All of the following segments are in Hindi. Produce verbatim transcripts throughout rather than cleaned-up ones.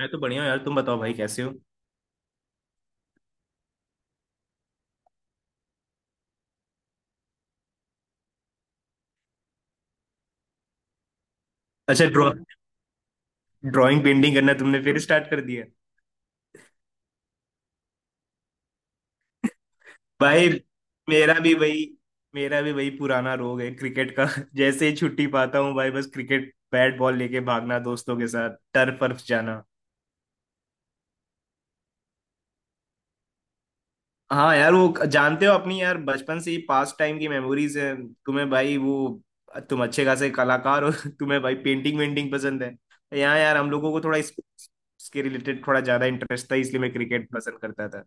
मैं तो बढ़िया हूँ यार। तुम बताओ भाई कैसे हो। अच्छा, ड्रॉ ड्राइंग पेंटिंग करना तुमने फिर स्टार्ट कर दिया? भाई, मेरा भी वही मेरा भी वही पुराना रोग है क्रिकेट का। जैसे ही छुट्टी पाता हूँ भाई, बस क्रिकेट बैट बॉल लेके भागना, दोस्तों के साथ टर्फ वर्फ जाना। हाँ यार, वो जानते हो अपनी यार बचपन से ही पास्ट टाइम की मेमोरीज है। तुम्हें भाई वो, तुम अच्छे खासे कलाकार हो। तुम्हें भाई पेंटिंग वेंटिंग पसंद है। यहाँ यार हम लोगों को थोड़ा इस, इसके रिलेटेड थोड़ा ज्यादा इंटरेस्ट था, इसलिए मैं क्रिकेट पसंद करता था।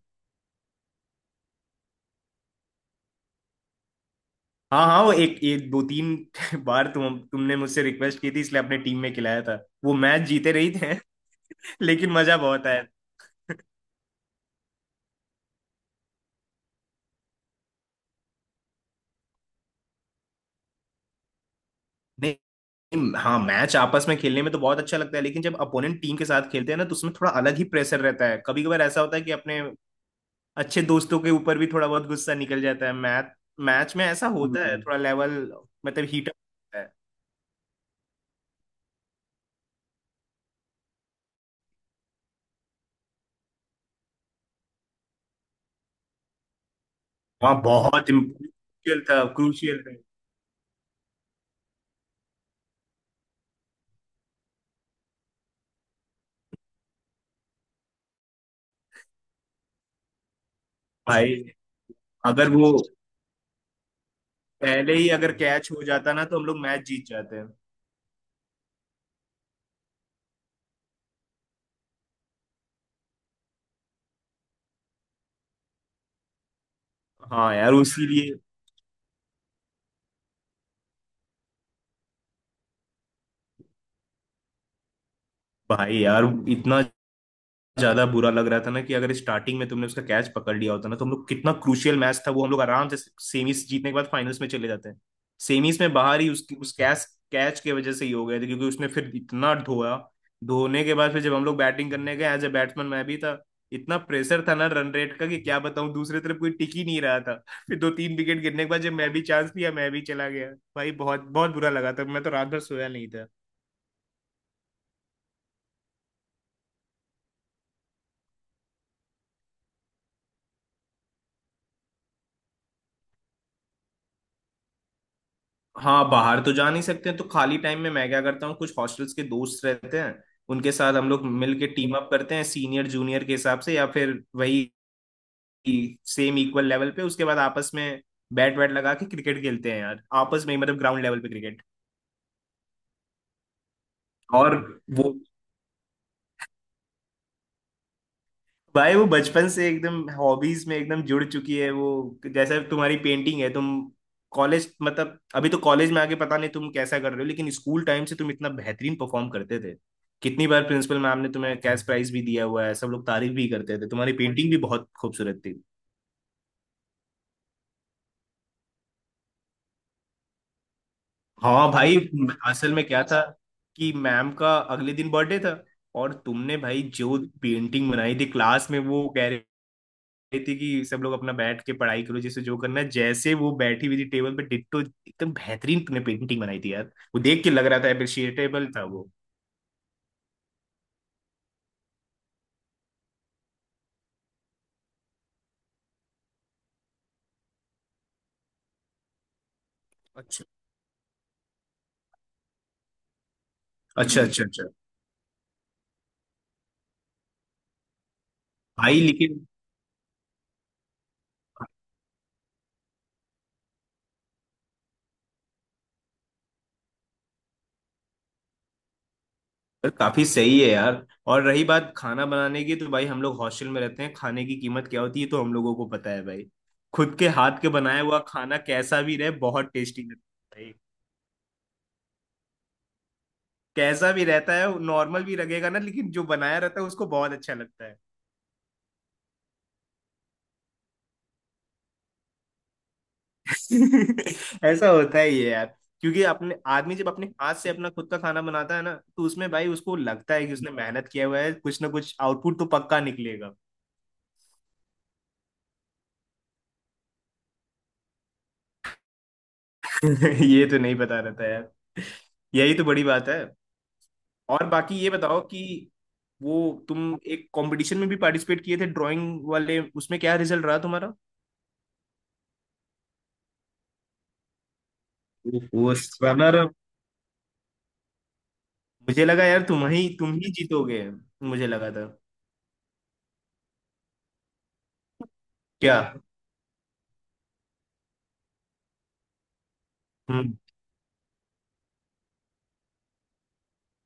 हाँ हाँ, वो एक एक दो तीन बार तुम तुमने मुझसे रिक्वेस्ट की थी, इसलिए अपने टीम में खिलाया था। वो मैच जीते रही थे लेकिन मजा बहुत आया। नहीं, हाँ, मैच आपस में खेलने में तो बहुत अच्छा लगता है लेकिन जब अपोनेंट टीम के साथ खेलते हैं ना, तो उसमें थोड़ा अलग ही प्रेशर रहता है। कभी कभार ऐसा होता है कि अपने अच्छे दोस्तों के ऊपर भी थोड़ा बहुत गुस्सा निकल जाता है। मैच मैच में ऐसा होता है। हम्म। थोड़ा लेवल मतलब हीट अप होता है। हाँ, बहुत क्रूशियल था, क्रूशियल था। भाई अगर वो पहले ही अगर कैच हो जाता ना, तो हम लोग मैच जीत जाते हैं। हाँ यार उसीलिए। भाई यार इतना ज्यादा बुरा लग रहा था ना कि अगर स्टार्टिंग में तुमने उसका कैच पकड़ लिया होता ना, तो हम लोग, कितना क्रूशियल मैच था वो, हम लोग आराम से सेमीज जीतने के बाद फाइनल्स में चले जाते हैं। सेमीज में बाहर ही उसकी उस कैच कैच की वजह से ही हो गए थे, क्योंकि उसने फिर इतना धोया, धोने के बाद फिर जब हम लोग बैटिंग करने गए, एज ए बैट्समैन मैं भी था, इतना प्रेशर था ना रन रेट का कि क्या बताऊं, दूसरी तरफ कोई टिक ही नहीं रहा था। फिर दो तीन विकेट गिरने के बाद जब मैं भी चांस लिया, मैं भी चला गया। भाई बहुत बहुत बुरा लगा था, मैं तो रात भर सोया नहीं। हाँ, बाहर तो जा नहीं सकते, तो खाली टाइम में मैं क्या करता हूँ, कुछ हॉस्टल्स के दोस्त रहते हैं, उनके साथ हम लोग मिल के टीम अप करते हैं सीनियर जूनियर के हिसाब से, या फिर वही सेम इक्वल लेवल पे। उसके बाद आपस में बैट वैट लगा के क्रिकेट खेलते हैं यार, आपस में ही मतलब ग्राउंड लेवल पे क्रिकेट। और वो, भाई वो बचपन से एकदम हॉबीज में एकदम जुड़ चुकी है वो, जैसे तुम्हारी पेंटिंग है, तुम कॉलेज मतलब अभी तो कॉलेज में आके पता नहीं तुम कैसा कर रहे हो लेकिन स्कूल टाइम से तुम इतना बेहतरीन परफॉर्म करते थे। कितनी बार प्रिंसिपल मैम ने तुम्हें कैश प्राइज भी दिया हुआ है, सब लोग तारीफ भी करते थे, तुम्हारी पेंटिंग भी बहुत खूबसूरत थी। हाँ भाई, असल में क्या था कि मैम का अगले दिन बर्थडे था, और तुमने भाई जो पेंटिंग बनाई थी क्लास में, वो कह रहे रही थी कि सब लोग अपना बैठ के पढ़ाई करो, जिसे जो करना है, जैसे वो बैठी हुई थी टेबल पे डिट्टो एकदम बेहतरीन ने पेंटिंग बनाई थी यार। वो देख के लग रहा था अप्रिशिएटेबल था वो। अच्छा अच्छा। हम्म, अच्छा अच्छा। भाई लेकिन पर काफी सही है यार। और रही बात खाना बनाने की, तो भाई हम लोग हॉस्टल में रहते हैं, खाने की कीमत क्या होती है तो हम लोगों को पता है भाई। खुद के हाथ के बनाया हुआ खाना कैसा भी रहे बहुत टेस्टी लगता है भाई। कैसा भी रहता है, नॉर्मल भी लगेगा ना, लेकिन जो बनाया रहता है उसको बहुत अच्छा लगता है। ऐसा होता ही है यार, क्योंकि अपने आदमी जब अपने हाथ से अपना खुद का खाना बनाता है ना, तो उसमें भाई उसको लगता है कि उसने मेहनत किया हुआ है, कुछ ना कुछ आउटपुट तो पक्का निकलेगा। ये तो नहीं पता रहता यार, यही तो बड़ी बात है। और बाकी ये बताओ कि वो, तुम एक कंपटीशन में भी पार्टिसिपेट किए थे ड्राइंग वाले, उसमें क्या रिजल्ट रहा तुम्हारा? वो रनर, मुझे लगा यार तुम ही तुम ही जीतोगे, मुझे लगा था। क्या? हम्म।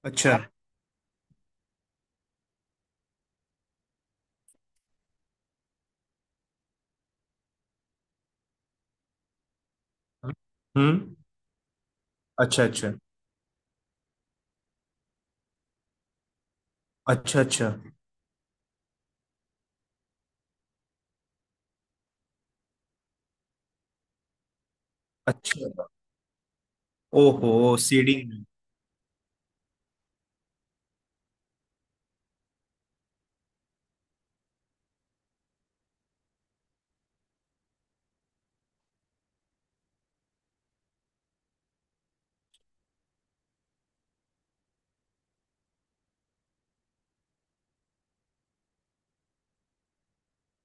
अच्छा। हम्म, अच्छा अच्छा। अच्छा अच्छा। अच्छा। ओहो, सीडिंग में।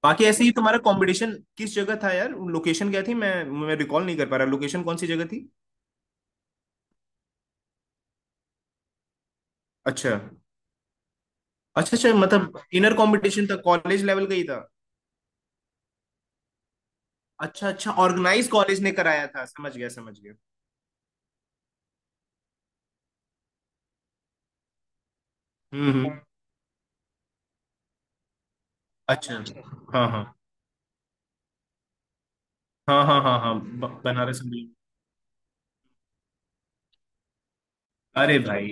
बाकी ऐसे ही तुम्हारा कंपटीशन किस जगह था यार? लोकेशन क्या थी? मैं मैं रिकॉल नहीं कर पा रहा, लोकेशन कौन सी जगह थी? अच्छा अच्छा। अच्छा मतलब इनर कंपटीशन था, कॉलेज लेवल का ही था? अच्छा अच्छा, ऑर्गेनाइज कॉलेज ने कराया था, समझ गया समझ गया। हम्म हम्म। अच्छा। हाँ हाँ हाँ हाँ। हाँ हाँ, ब- बनारस में। अरे भाई।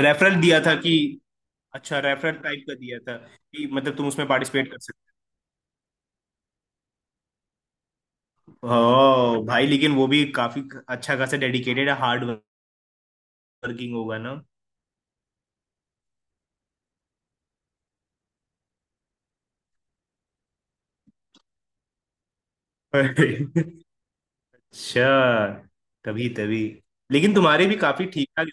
रेफरल दिया था कि। अच्छा, रेफरल टाइप का दिया था कि मतलब तुम उसमें पार्टिसिपेट कर सकते। ओ भाई, लेकिन वो भी काफी अच्छा खासा डेडिकेटेड है, हार्ड वर्किंग होगा ना। अच्छा, तभी तभी। लेकिन तुम्हारे भी काफी ठीक ठाक,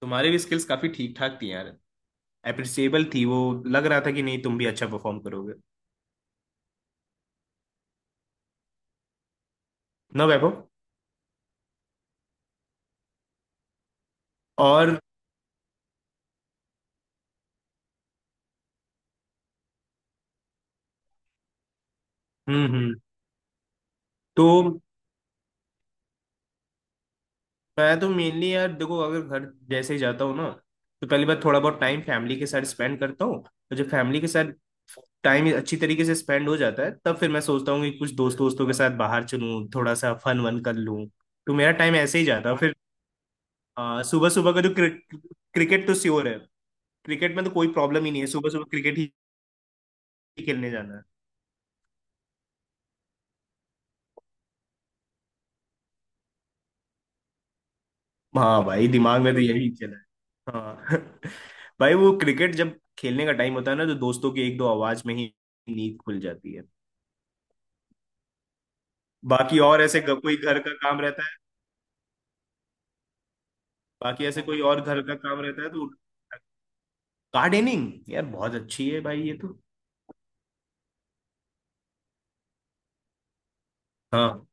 तुम्हारे भी स्किल्स काफी ठीक ठाक थी यार, अप्रिसिएबल थी वो। लग रहा था कि नहीं, तुम भी अच्छा परफॉर्म करोगे। ना वैभव। और, हम्म हम्म। तो मैं तो मेनली यार देखो, अगर घर जैसे ही जाता हूँ ना, तो पहली बार थोड़ा बहुत टाइम फैमिली के साथ स्पेंड करता हूँ, तो जब फैमिली के साथ टाइम अच्छी तरीके से स्पेंड हो जाता है, तब फिर मैं सोचता हूँ कि कुछ दोस्त दोस्तों के साथ बाहर चलूँ, थोड़ा सा फन वन कर लूँ। तो मेरा टाइम ऐसे ही जाता है फिर। आ, सुबह सुबह का जो क्रिकेट तो श्योर है, क्रिकेट में तो कोई प्रॉब्लम ही नहीं है, सुबह सुबह क्रिकेट ही खेलने जाना है। हाँ भाई दिमाग में तो यही चला है हाँ। भाई वो क्रिकेट जब खेलने का टाइम होता है ना, तो दोस्तों की एक दो आवाज में ही नींद खुल जाती है। बाकी और ऐसे ग- कोई घर का काम रहता है, बाकी ऐसे कोई और घर का काम रहता है तो। गार्डनिंग यार बहुत अच्छी है भाई ये तो। हाँ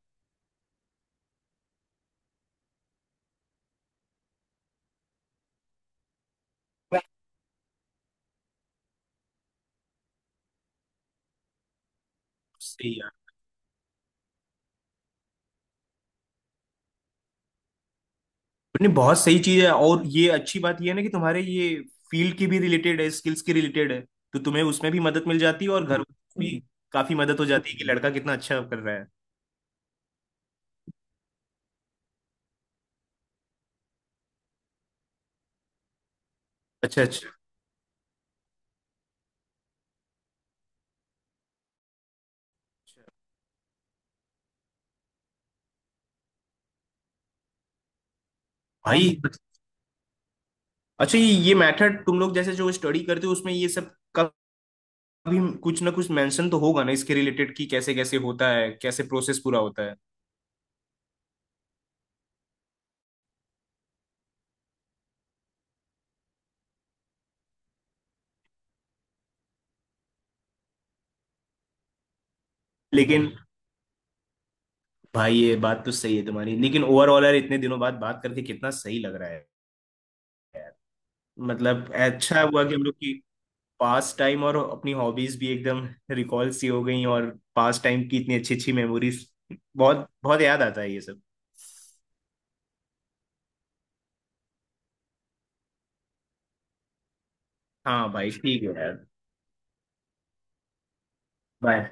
सही यार। नहीं, बहुत सही चीज है, और ये अच्छी बात ये है ना कि तुम्हारे ये फील्ड की भी रिलेटेड है, स्किल्स की रिलेटेड है, तो तुम्हें उसमें भी मदद मिल जाती है और घर वालों की भी काफी मदद हो जाती है कि लड़का कितना अच्छा कर रहा है। अच्छा अच्छा भाई। अच्छा, ये ये मेथड तुम लोग जैसे जो स्टडी करते हो, उसमें ये सब का भी कुछ ना कुछ मेंशन तो होगा ना इसके रिलेटेड कि कैसे कैसे होता है, कैसे प्रोसेस पूरा होता है। लेकिन भाई, ये बात तो सही है तुम्हारी, लेकिन ओवरऑल यार इतने दिनों बाद बात करके कितना सही लग रहा है। यार मतलब अच्छा हुआ कि हम लोग की पास टाइम और अपनी हॉबीज भी एकदम रिकॉल सी हो गई, और पास टाइम की इतनी अच्छी अच्छी मेमोरीज, बहुत बहुत याद आता है ये सब। हाँ भाई ठीक है यार। बाय।